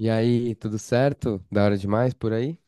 E aí, tudo certo? Da hora demais por aí?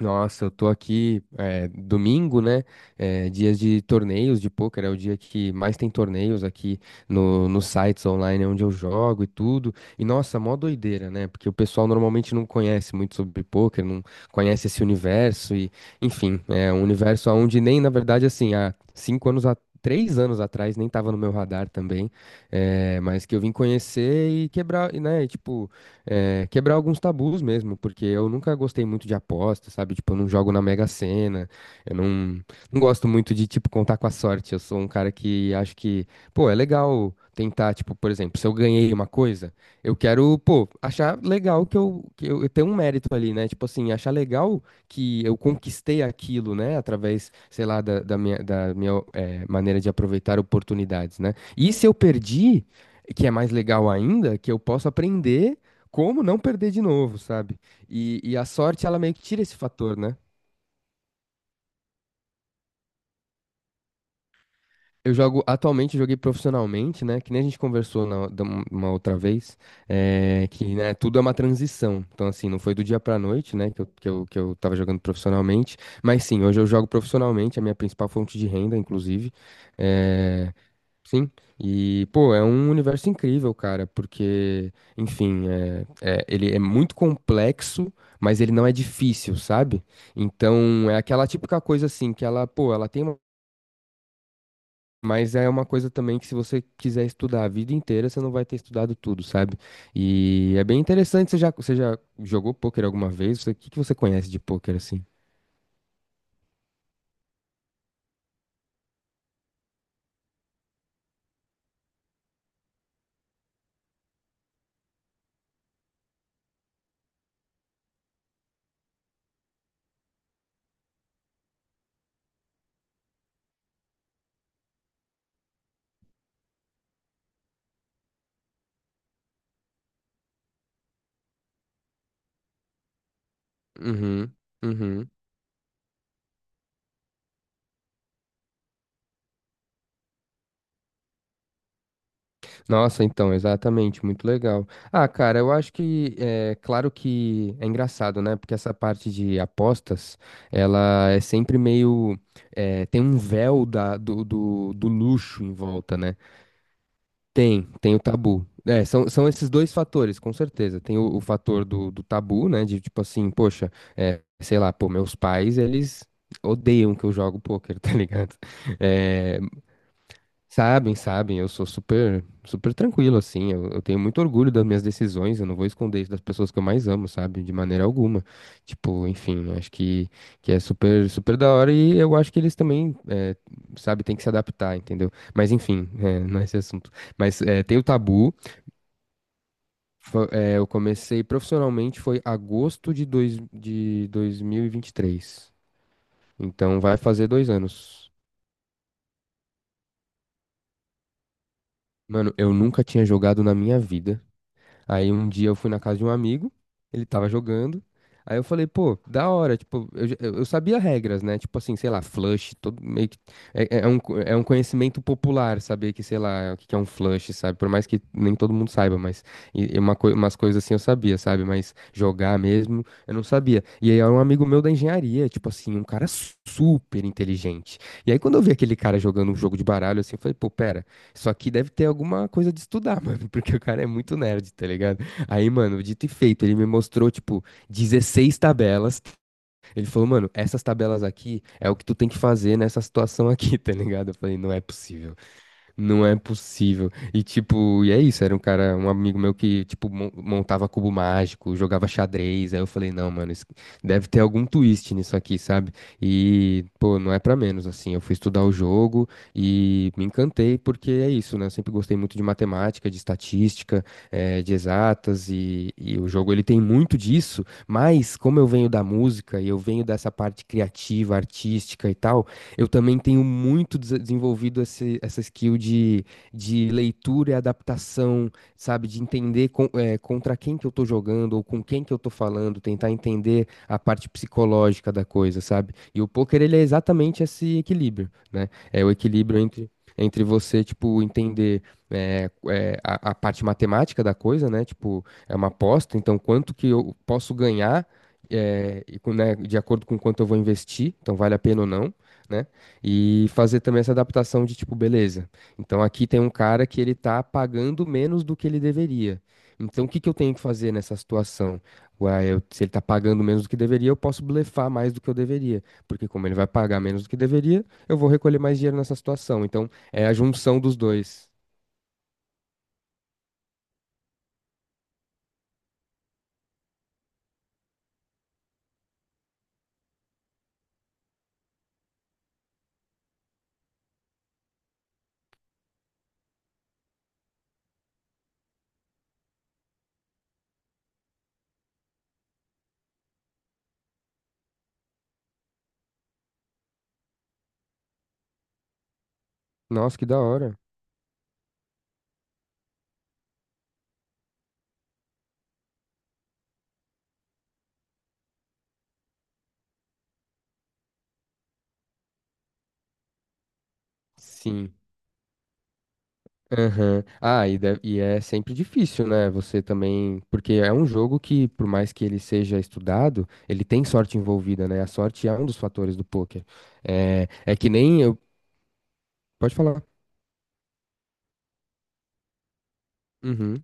Nossa, eu tô aqui domingo, né? É, dias de torneios de pôquer, é o dia que mais tem torneios aqui no, nos sites online onde eu jogo e tudo. E nossa, mó doideira, né? Porque o pessoal normalmente não conhece muito sobre pôquer, não conhece esse universo enfim, é um universo onde nem, na verdade, assim, há cinco anos a- Três anos atrás, nem tava no meu radar também, é, mas que eu vim conhecer e quebrar, e, né? E, tipo, quebrar alguns tabus mesmo, porque eu nunca gostei muito de aposta, sabe? Tipo, eu não jogo na Mega Sena, eu não, não gosto muito de, tipo, contar com a sorte. Eu sou um cara que acho que, pô, é legal tentar, tipo, por exemplo, se eu ganhei uma coisa, eu quero, pô, achar legal eu tenho um mérito ali, né? Tipo assim, achar legal que eu conquistei aquilo, né? Através, sei lá, da minha maneira de aproveitar oportunidades, né? E se eu perdi, que é mais legal ainda, que eu posso aprender como não perder de novo, sabe? E a sorte, ela meio que tira esse fator, né? Eu jogo, atualmente, eu joguei profissionalmente, né? Que nem a gente conversou uma outra vez, é, que né, tudo é uma transição. Então, assim, não foi do dia pra noite, né? Que eu tava jogando profissionalmente. Mas sim, hoje eu jogo profissionalmente, a minha principal fonte de renda, inclusive. é, Sim, e pô, é um universo incrível, cara, porque, enfim, ele é muito complexo, mas ele não é difícil, sabe? Então, é aquela típica coisa assim, que ela, pô, ela tem uma. Mas é uma coisa também que, se você quiser estudar a vida inteira, você não vai ter estudado tudo, sabe? E é bem interessante. Você já jogou pôquer alguma vez? Você... O que que você conhece de pôquer assim? Uhum, uhum. Nossa, então, exatamente, muito legal. Ah, cara, eu acho que é claro que é engraçado, né? Porque essa parte de apostas, ela é sempre meio é, tem um véu do luxo em volta, né? Tem o tabu. É, são esses dois fatores, com certeza. Tem o fator do tabu, né? De tipo assim, poxa, é, sei lá, pô, meus pais, eles odeiam que eu jogo pôquer, tá ligado? Eh, Sabem, sabem, eu sou super, super tranquilo, assim. Eu tenho muito orgulho das minhas decisões, eu não vou esconder isso das pessoas que eu mais amo, sabe? De maneira alguma. Tipo, enfim, acho que é super, super da hora e eu acho que eles também, sabe, tem que se adaptar, entendeu? Mas enfim, não é esse assunto. Mas tem o tabu. Eu comecei profissionalmente foi agosto de dois mil e vinte e três. Então vai fazer 2 anos. Mano, eu nunca tinha jogado na minha vida. Aí um dia eu fui na casa de um amigo, ele tava jogando. Aí eu falei, pô, da hora, tipo, eu sabia regras, né? Tipo assim, sei lá, flush, todo meio que. É um, é um conhecimento popular saber que, sei lá, o que que é um flush, sabe? Por mais que nem todo mundo saiba, mas. E uma, umas coisas assim eu sabia, sabe? Mas jogar mesmo, eu não sabia. E aí era um amigo meu da engenharia, tipo assim, um cara super inteligente. E aí quando eu vi aquele cara jogando um jogo de baralho, assim, eu falei, pô, pera. Só que deve ter alguma coisa de estudar, mano, porque o cara é muito nerd, tá ligado? Aí, mano, dito e feito, ele me mostrou, tipo, 16 tabelas. Ele falou, mano, essas tabelas aqui é o que tu tem que fazer nessa situação aqui, tá ligado? Eu falei, não é possível. Não é possível. E tipo, e é isso, era um cara, um amigo meu que, tipo, montava cubo mágico, jogava xadrez. Aí eu falei, não, mano, isso... deve ter algum twist nisso aqui, sabe? E, pô, não é pra menos, assim. Eu fui estudar o jogo e me encantei, porque é isso, né? Eu sempre gostei muito de matemática, de estatística, de exatas, e o jogo ele tem muito disso, mas como eu venho da música e eu venho dessa parte criativa, artística e tal. Eu também tenho muito desenvolvido esse, essa skill de leitura e adaptação, sabe? De entender contra quem que eu tô jogando ou com quem que eu tô falando, tentar entender a parte psicológica da coisa, sabe? E o poker, ele é exatamente esse equilíbrio, né? É o equilíbrio entre você, tipo, entender a parte matemática da coisa, né? Tipo, é uma aposta, então quanto que eu posso ganhar e né, de acordo com quanto eu vou investir, então vale a pena ou não, né? E fazer também essa adaptação de tipo, beleza. Então aqui tem um cara que ele tá pagando menos do que ele deveria. Então o que que eu tenho que fazer nessa situação? Ué, se ele tá pagando menos do que deveria, eu posso blefar mais do que eu deveria. Porque como ele vai pagar menos do que deveria, eu vou recolher mais dinheiro nessa situação. Então é a junção dos dois. Nossa, que da hora. Sim. Aham. E é sempre difícil, né? Você também. Porque é um jogo que, por mais que ele seja estudado, ele tem sorte envolvida, né? A sorte é um dos fatores do pôquer. É, é que nem eu. Pode falar. Uhum.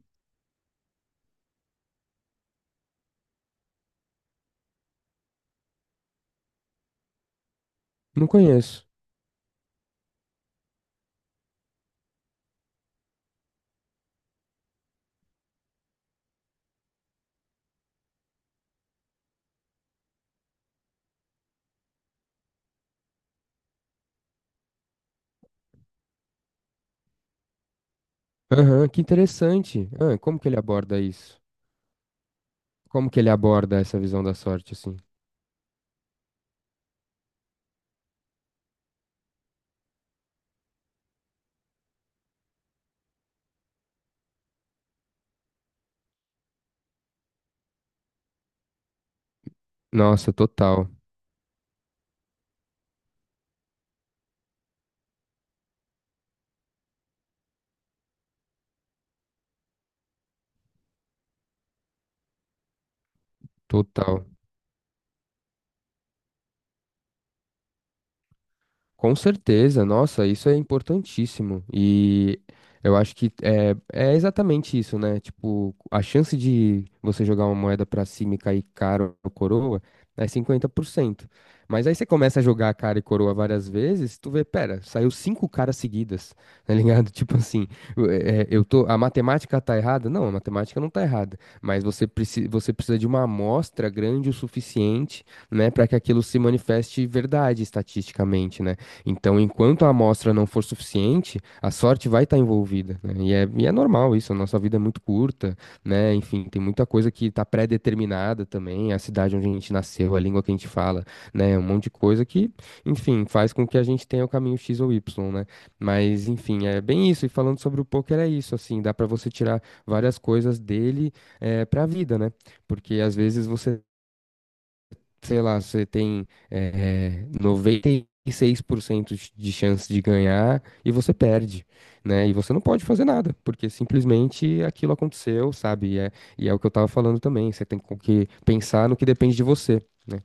Não conheço. Aham, que interessante. Ah, como que ele aborda isso? Como que ele aborda essa visão da sorte, assim? Nossa, total. Total. Com certeza, nossa, isso é importantíssimo. E eu acho que é exatamente isso, né? Tipo, a chance de você jogar uma moeda pra cima e cair cara ou coroa é 50%. Mas aí você começa a jogar cara e coroa várias vezes, tu vê, pera, saiu 5 caras seguidas, tá ligado? Tipo assim, eu é, eu tô, a matemática tá errada? Não, a matemática não tá errada, mas você precisa de uma amostra grande o suficiente, né, para que aquilo se manifeste verdade estatisticamente, né? Então, enquanto a amostra não for suficiente, a sorte vai estar envolvida, né? E é normal isso, a nossa vida é muito curta, né? Enfim, tem muita coisa que está pré-determinada também, a cidade onde a gente nasceu, a língua que a gente fala, né? Um monte de coisa que, enfim, faz com que a gente tenha o caminho X ou Y, né? Mas, enfim, é bem isso. E falando sobre o poker, é isso, assim, dá para você tirar várias coisas dele, para a vida, né? Porque às vezes você sei lá, você tem noventa e 96% de chance de ganhar e você perde, né? E você não pode fazer nada, porque simplesmente aquilo aconteceu, sabe? E é o que eu tava falando também, você tem com que pensar no que depende de você. Né?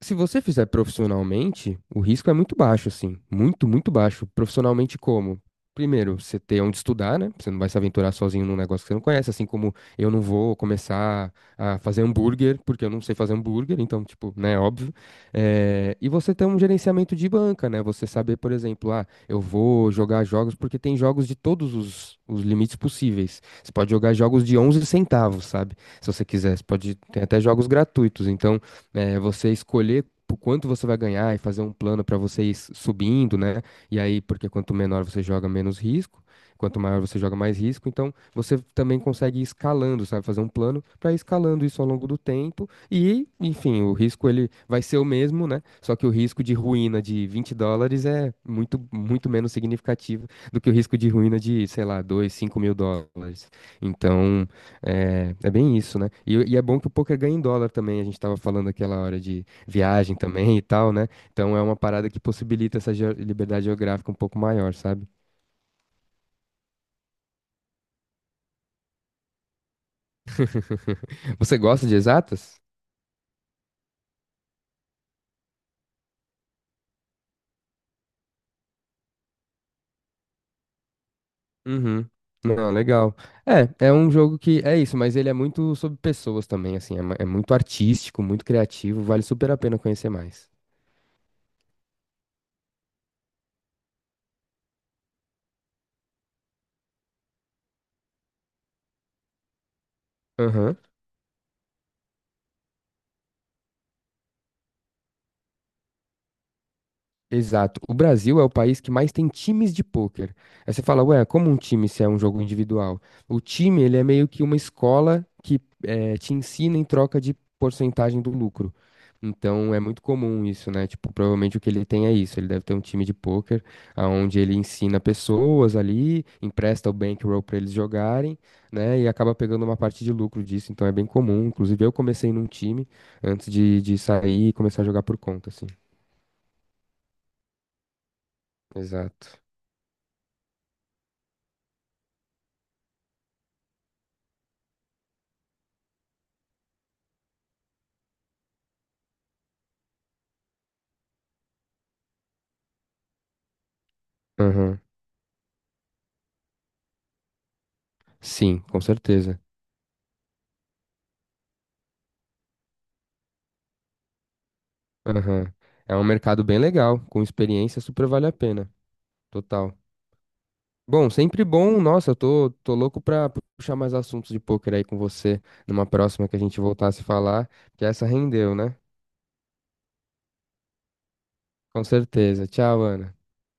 Se você fizer profissionalmente, o risco é muito baixo, assim. Muito, muito baixo. Profissionalmente como? Primeiro, você ter onde estudar, né? Você não vai se aventurar sozinho num negócio que você não conhece, assim como eu não vou começar a fazer hambúrguer, porque eu não sei fazer hambúrguer, então, tipo, né, óbvio. E você ter um gerenciamento de banca, né? Você saber, por exemplo, ah, eu vou jogar jogos, porque tem jogos de todos os limites possíveis. Você pode jogar jogos de 11 centavos, sabe? Se você quiser, você pode, tem até jogos gratuitos, então é, você escolher o quanto você vai ganhar e fazer um plano para você ir subindo, né? E aí, porque quanto menor você joga, menos risco. Quanto maior você joga, mais risco. Então, você também consegue ir escalando, sabe? Fazer um plano para ir escalando isso ao longo do tempo. E, enfim, o risco ele vai ser o mesmo, né? Só que o risco de ruína de $20 é muito, muito menos significativo do que o risco de ruína de, sei lá, 2, $5.000. Então, é, é bem isso, né? E é bom que o poker ganha em dólar também. A gente tava falando aquela hora de viagem também e tal, né? Então é uma parada que possibilita essa liberdade geográfica um pouco maior, sabe? Você gosta de exatas? Uhum. Não, legal. É, é um jogo que é isso, mas ele é muito sobre pessoas também, assim. É muito artístico, muito criativo. Vale super a pena conhecer mais. Aham. Exato. O Brasil é o país que mais tem times de pôquer. Aí você fala, ué, como um time se é um jogo individual? O time, ele é meio que uma escola que te ensina em troca de porcentagem do lucro. Então, é muito comum isso, né? Tipo, provavelmente o que ele tem é isso. Ele deve ter um time de pôquer, onde ele ensina pessoas ali, empresta o bankroll para eles jogarem, né? E acaba pegando uma parte de lucro disso. Então, é bem comum. Inclusive, eu comecei num time antes de sair e começar a jogar por conta, assim. Exato. Aham. Sim, com certeza. Aham. É um mercado bem legal, com experiência super vale a pena. Total. Bom, sempre bom. Nossa, tô louco pra puxar mais assuntos de pôquer aí com você numa próxima que a gente voltar a se falar, que essa rendeu, né? Com certeza. Tchau, Ana.